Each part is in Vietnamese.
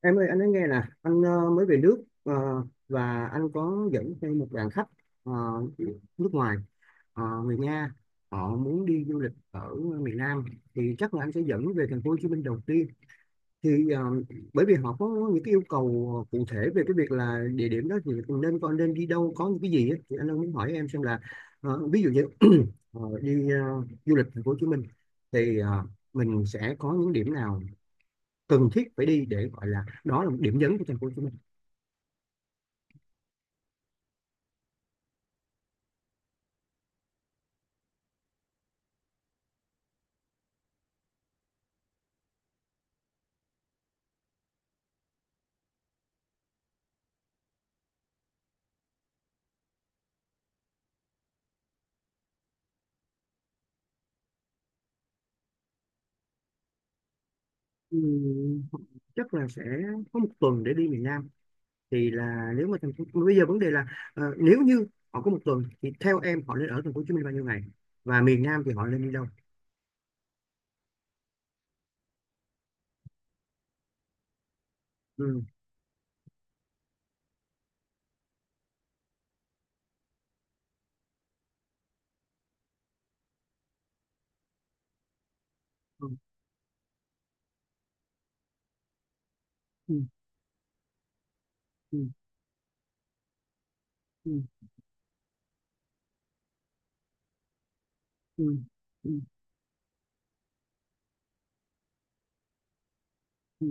Em ơi, anh nói nghe nè, anh mới về nước, và anh có dẫn theo một đoàn khách, ờ, nước ngoài, người Nga, họ muốn đi du lịch ở miền Nam thì chắc là anh sẽ dẫn về Thành phố Hồ Chí Minh đầu tiên. Thì bởi vì họ có những cái yêu cầu cụ thể về cái việc là địa điểm đó thì nên con nên đi đâu, có những cái gì á. Thì anh đang muốn hỏi em xem là, ví dụ như đi du lịch Thành phố Hồ Chí Minh thì mình sẽ có những điểm nào cần thiết phải đi, để gọi là đó là một điểm nhấn của Thành phố Hồ Chí Minh. Ừm, chắc là sẽ có một tuần để đi miền Nam. Thì là nếu mà thành phố bây giờ, vấn đề là nếu như họ có một tuần thì theo em họ nên ở Thành phố Hồ Chí Minh bao nhiêu ngày, và miền Nam thì họ nên đi đâu? Ừ. Ừ. Ừ. Ừ. Ừ. Ừ. Ừ. Ừ.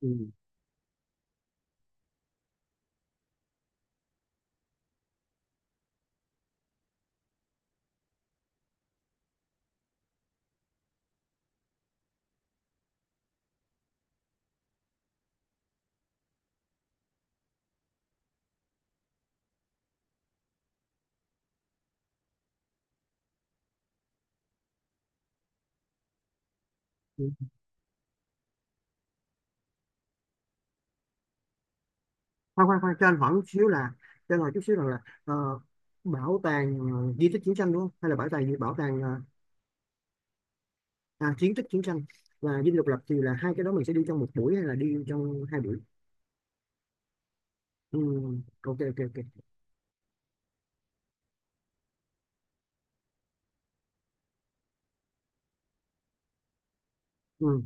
Ừ. Ừ. Khoan khoan khoan, cho anh hỏi chút xíu rằng là, ờ, bảo tàng di tích chiến tranh, đúng không, hay là bảo tàng gì, bảo tàng kiến thức chiến tranh, và Dinh Độc Lập, thì là hai cái đó mình sẽ đi trong một buổi hay là đi trong hai buổi? Ừ, ok ok ok. Ừ,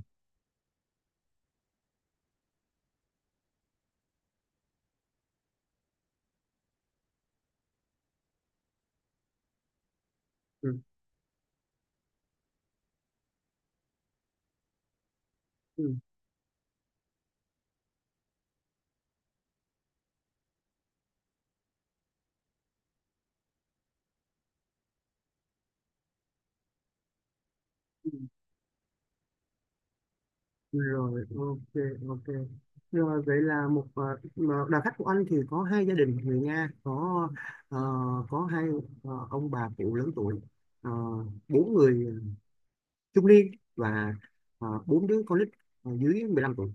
ừ, ừ, ừ. Rồi, ok ok. Rồi vậy là mà đoàn khách của anh thì có hai gia đình người Nga, có, ờ, hai, ông bà cụ lớn tuổi, ờ, bốn người trung niên, và bốn đứa con nít, dưới 15 tuổi,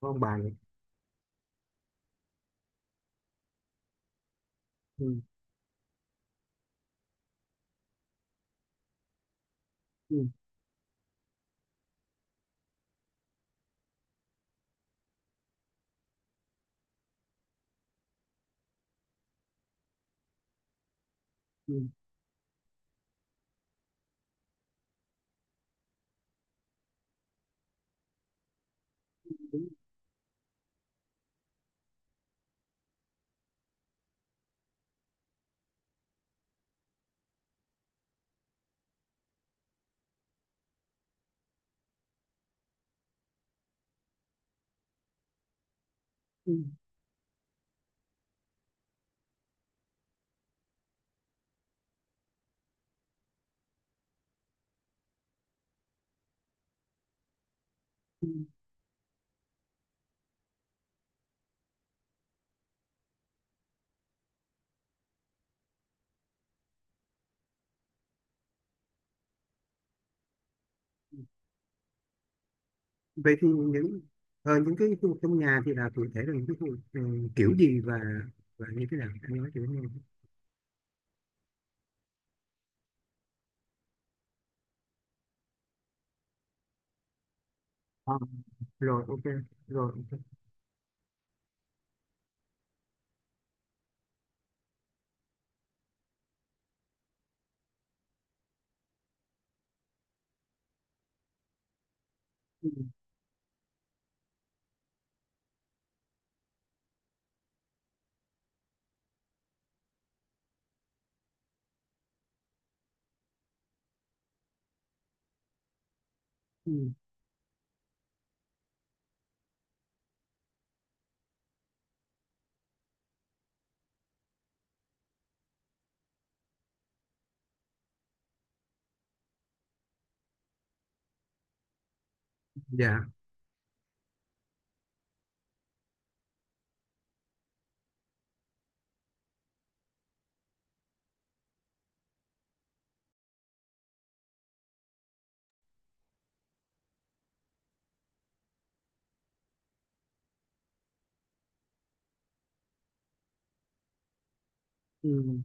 có ông bà vậy. Ừ, ừ, ừ, ừ, ừ. Ừ. Vậy thì những, cái khu vực trong nhà thì là cụ thể là những cái khu vực, kiểu gì, và như thế nào, anh nói kiểu như... Ờ, rồi ok, rồi ok. Ừ. Ừ. Dạ. Ừ.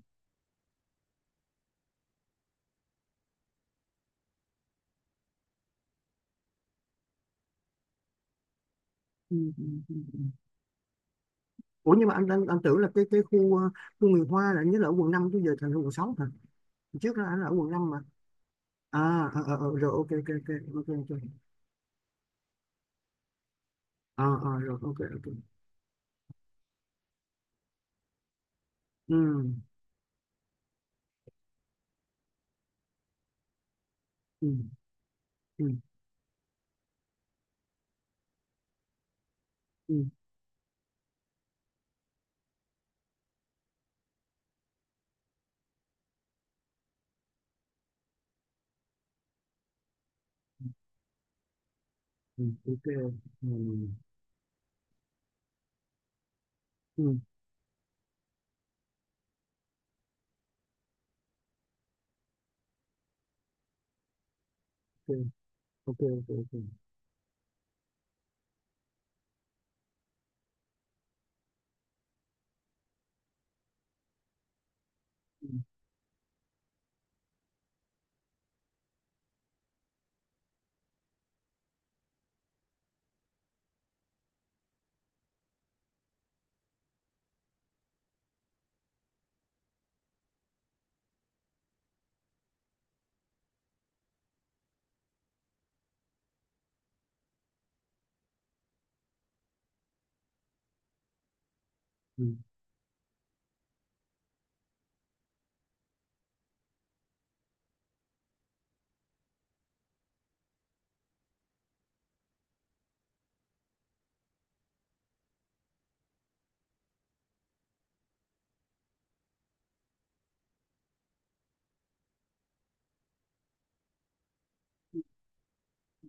Ừ. Ừ, ừ, ừ. Ủa, nhưng mà anh tưởng là cái khu người Hoa, là anh nhớ là ở Quận 5, chứ giờ thành Quận 6 hả? Trước đó anh là ở Quận 5 mà. À. Ờ, ờ, ờ, rồi ok ok ok ok ok. À, à, rồi ok ok. Ừ. Ừ. Ừ. Ừ. Ừ. Ok. Ừ. Ừ. Ok ok ok ok. Ừ. Ừ.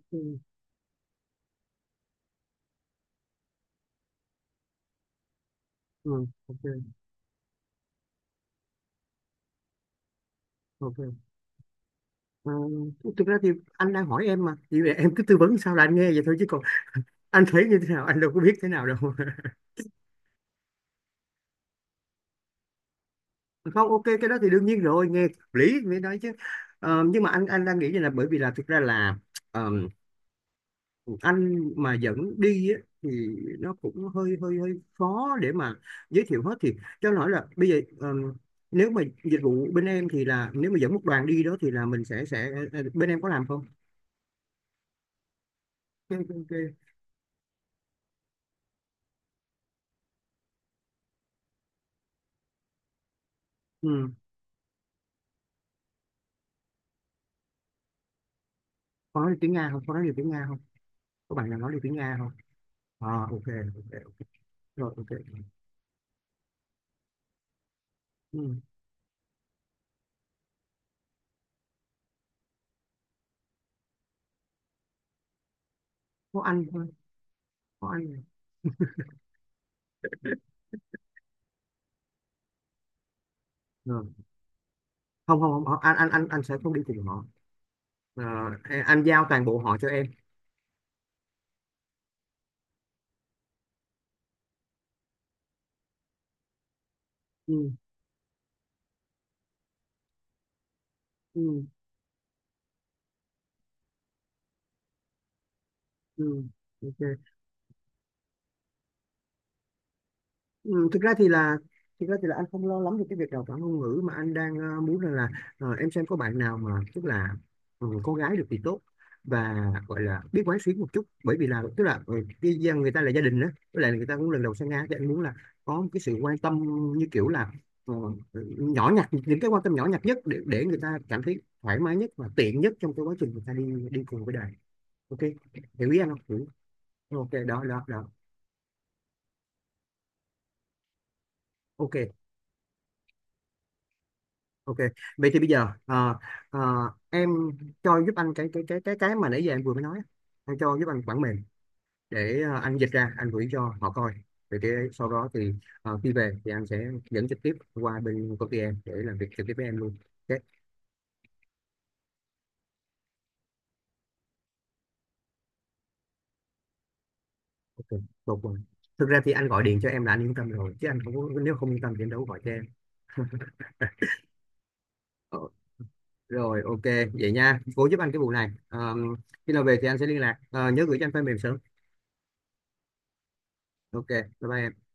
Ừ, ừ, ok, ok. Ờ, thực ra thì anh đang hỏi em mà, chỉ em cứ tư vấn sao là anh nghe vậy thôi, chứ còn anh thấy như thế nào, anh đâu có biết thế nào đâu. Không, ok, cái đó thì đương nhiên rồi, nghe hợp lý mới nói chứ. Ờ, nhưng mà anh đang nghĩ như là, bởi vì là thực ra là, ờm, anh mà dẫn đi á, thì nó cũng hơi hơi hơi khó để mà giới thiệu hết, thì cho anh hỏi là bây giờ, nếu mà dịch vụ bên em thì là, nếu mà dẫn một đoàn đi đó thì là mình sẽ, bên em có làm không? Ok, ok. Ok. Ừ. Có nói được tiếng Nga không? Có nói được tiếng Nga không? Có bạn nào nói được tiếng Nga không? À, ok ok ok. Rồi ok. Ừ. Có anh thôi. Có anh rồi. Không, không, không, không, anh sẽ không đi cùng họ. Ờ, anh giao toàn bộ họ cho em. Ừ, ừ, ừ. Ok. Ừ, thực ra thì là, anh không lo lắm về cái việc đào tạo ngôn ngữ, mà anh đang muốn rằng là, em xem có bạn nào mà tức là, con gái được thì tốt, và gọi là biết quán xuyến một chút, bởi vì là tức là, người ta là gia đình đó, với lại người ta cũng lần đầu sang Nga, thì anh muốn là có một cái sự quan tâm, như kiểu là, ờ, nhỏ nhặt, những cái quan tâm nhỏ nhặt nhất, để người ta cảm thấy thoải mái nhất và tiện nhất trong cái quá trình người ta đi đi cùng với đời. Ok, hiểu ý anh không, hiểu? Ok, đó đó đó. Ok. Ok, vậy thì bây giờ, ờ, em cho giúp anh cái mà nãy giờ em vừa mới nói á. Em cho giúp anh bản mềm, để anh dịch ra, anh gửi cho họ coi. Vậy thì sau đó thì, khi về thì anh sẽ dẫn trực tiếp qua bên công ty em, để làm việc trực tiếp với em luôn. Ok, ok, tốt rồi. Thực ra thì anh gọi điện cho em là anh yên tâm rồi, chứ anh không có- nếu không yên tâm thì anh đâu có gọi cho em. Ờ, rồi, ok, vậy nha. Cố giúp anh cái vụ này. Ờ, khi nào về thì anh sẽ liên lạc. Ờ, nhớ gửi cho anh file mềm sớm. Ok, bye bye em.